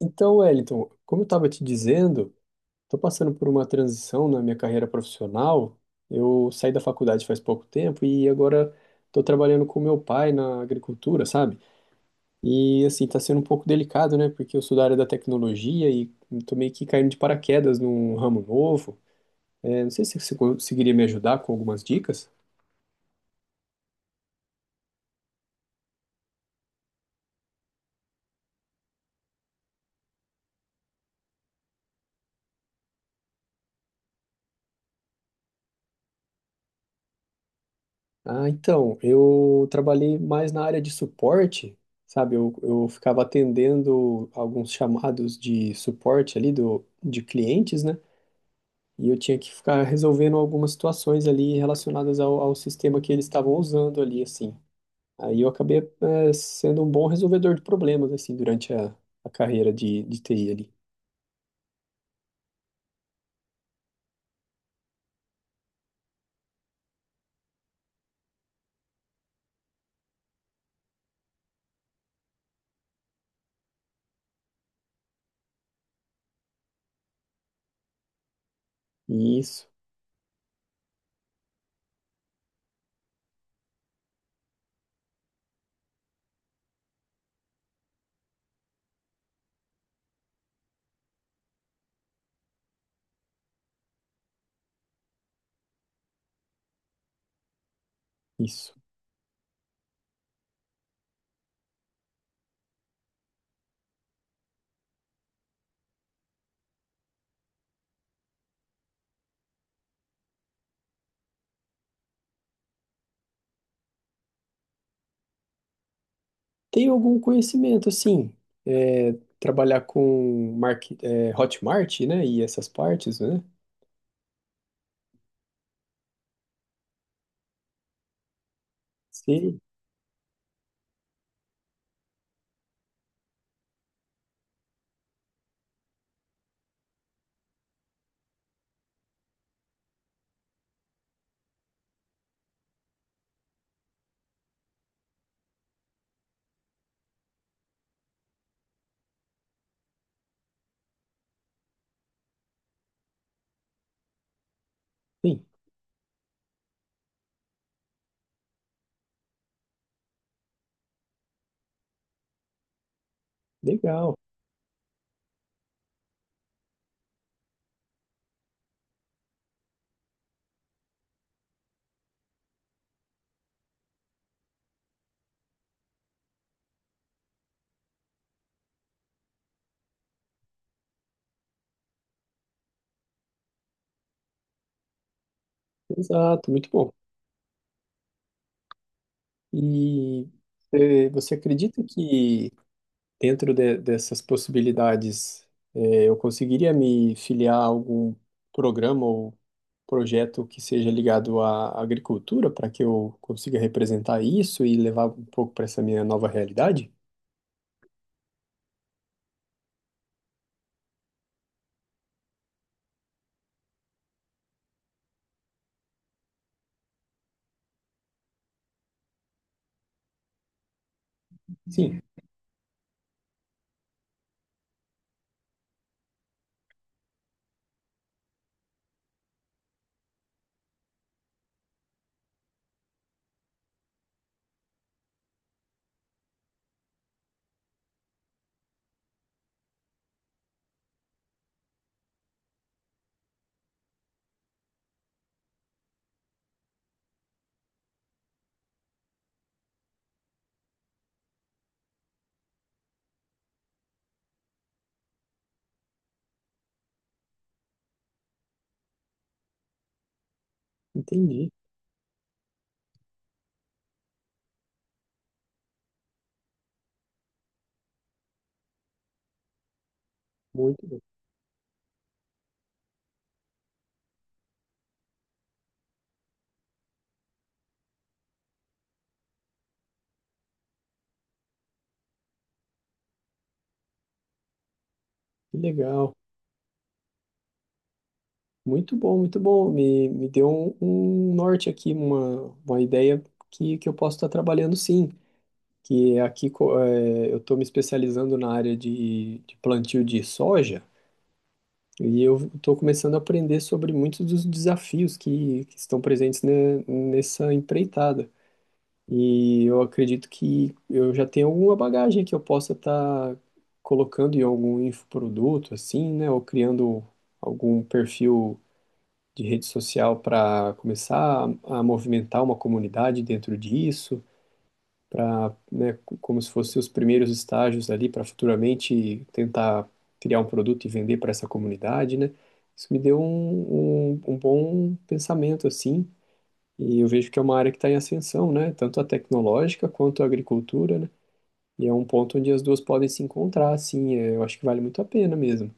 Então, Wellington, como eu estava te dizendo, estou passando por uma transição na minha carreira profissional. Eu saí da faculdade faz pouco tempo e agora estou trabalhando com meu pai na agricultura, sabe? E assim, está sendo um pouco delicado, né? Porque eu sou da área da tecnologia e estou meio que caindo de paraquedas num ramo novo. É, não sei se você conseguiria me ajudar com algumas dicas. Ah, então, eu trabalhei mais na área de suporte, sabe? Eu ficava atendendo alguns chamados de suporte ali do, de clientes, né? E eu tinha que ficar resolvendo algumas situações ali relacionadas ao, ao sistema que eles estavam usando ali, assim. Aí eu acabei, sendo um bom resolvedor de problemas, assim, durante a carreira de TI ali. Isso, isso. Tem algum conhecimento, assim. É, trabalhar com market, Hotmart, né? E essas partes, né? Sim, sim, legal, exato, muito bom. E você acredita que dessas possibilidades eu conseguiria me filiar a algum programa ou projeto que seja ligado à agricultura para que eu consiga representar isso e levar um pouco para essa minha nova realidade? Sim, entendi. Muito bom, que legal. Muito bom, muito bom. Me deu um, um norte aqui, uma ideia que eu posso estar trabalhando sim. Que é, eu estou me especializando na área de plantio de soja e eu estou começando a aprender sobre muitos dos desafios que estão presentes nessa empreitada. E eu acredito que eu já tenho alguma bagagem que eu possa estar colocando em algum infoproduto, assim, né? Ou criando algum perfil de rede social para começar a movimentar uma comunidade dentro disso para, né, como se fossem os primeiros estágios ali para futuramente tentar criar um produto e vender para essa comunidade, né? Isso me deu um, um, um bom pensamento, assim, e eu vejo que é uma área que está em ascensão, né? Tanto a tecnológica quanto a agricultura, né? E é um ponto onde as duas podem se encontrar, assim, é, eu acho que vale muito a pena mesmo.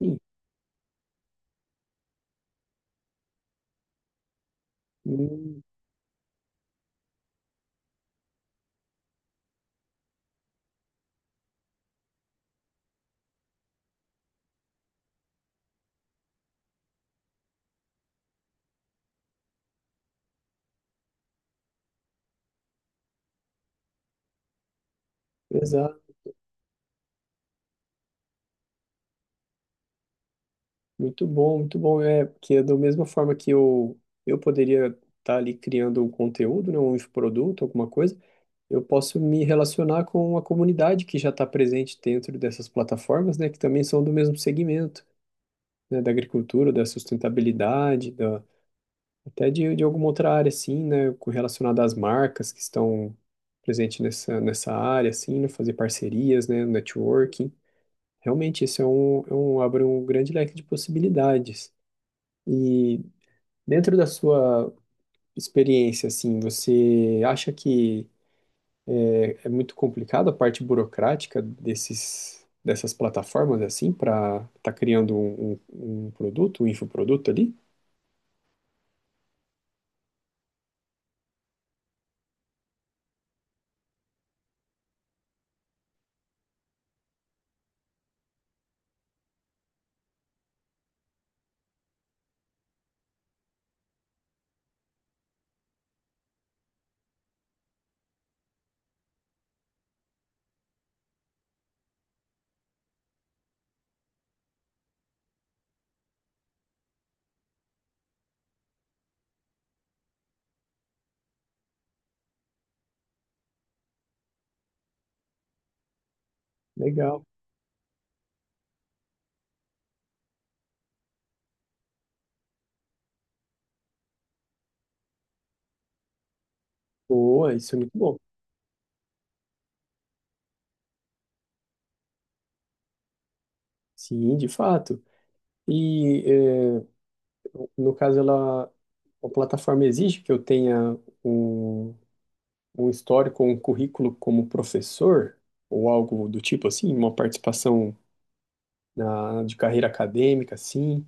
Sim, hum, exato, muito bom, muito bom. É, que é da mesma forma que eu poderia estar ali criando um conteúdo, né, um infoproduto, alguma coisa, eu posso me relacionar com a comunidade que já está presente dentro dessas plataformas, né, que também são do mesmo segmento, né, da agricultura, da sustentabilidade, da, até de alguma outra área, assim, né, relacionada às marcas que estão presentes nessa, nessa área, assim, né, fazer parcerias, né, networking. Realmente, isso é um, abre um grande leque de possibilidades. E dentro da sua experiência, assim, você acha que é muito complicado a parte burocrática desses, dessas plataformas assim para estar tá criando um, um, um produto, um infoproduto ali? Legal. Boa, isso é muito bom. Sim, de fato. E é, no caso ela a plataforma exige que eu tenha um, um histórico, um currículo como professor ou algo do tipo assim, uma participação na, de carreira acadêmica assim,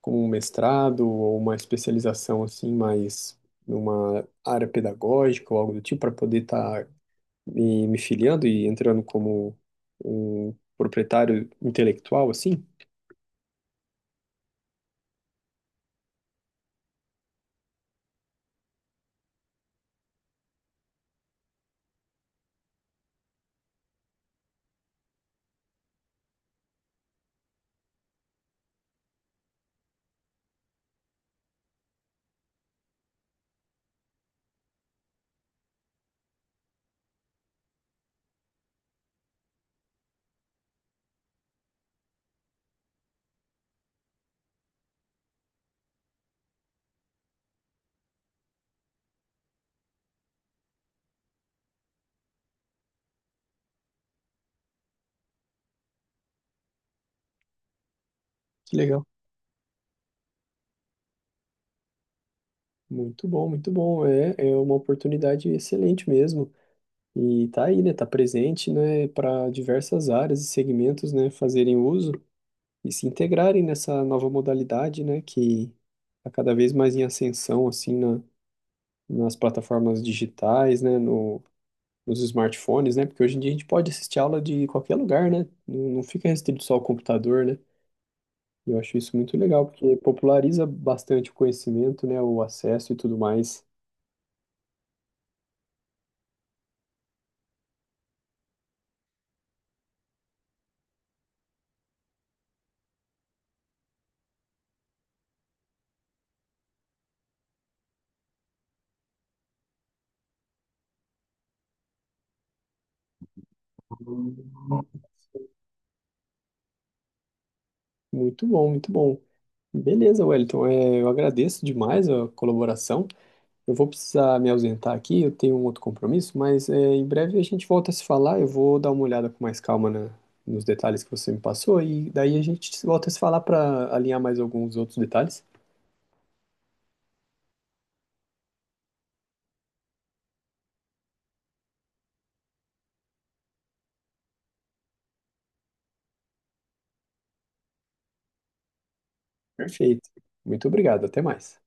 como um mestrado ou uma especialização assim, mais numa área pedagógica ou algo do tipo, para poder estar me filiando e entrando como um proprietário intelectual, assim. Que legal. Muito bom, muito bom. É, é uma oportunidade excelente mesmo. E tá aí, né? Tá presente, né? Para diversas áreas e segmentos, né, fazerem uso e se integrarem nessa nova modalidade, né? Que está cada vez mais em ascensão, assim, nas plataformas digitais, né, no, nos smartphones, né, porque hoje em dia a gente pode assistir aula de qualquer lugar, né, não fica restrito só ao computador, né, eu acho isso muito legal, porque populariza bastante o conhecimento, né, o acesso e tudo mais. Muito bom, muito bom. Beleza, Wellington, é, eu agradeço demais a colaboração. Eu vou precisar me ausentar aqui, eu tenho um outro compromisso, mas é, em breve a gente volta a se falar. Eu vou dar uma olhada com mais calma nos detalhes que você me passou e daí a gente volta a se falar para alinhar mais alguns outros detalhes. Perfeito. Muito obrigado, até mais.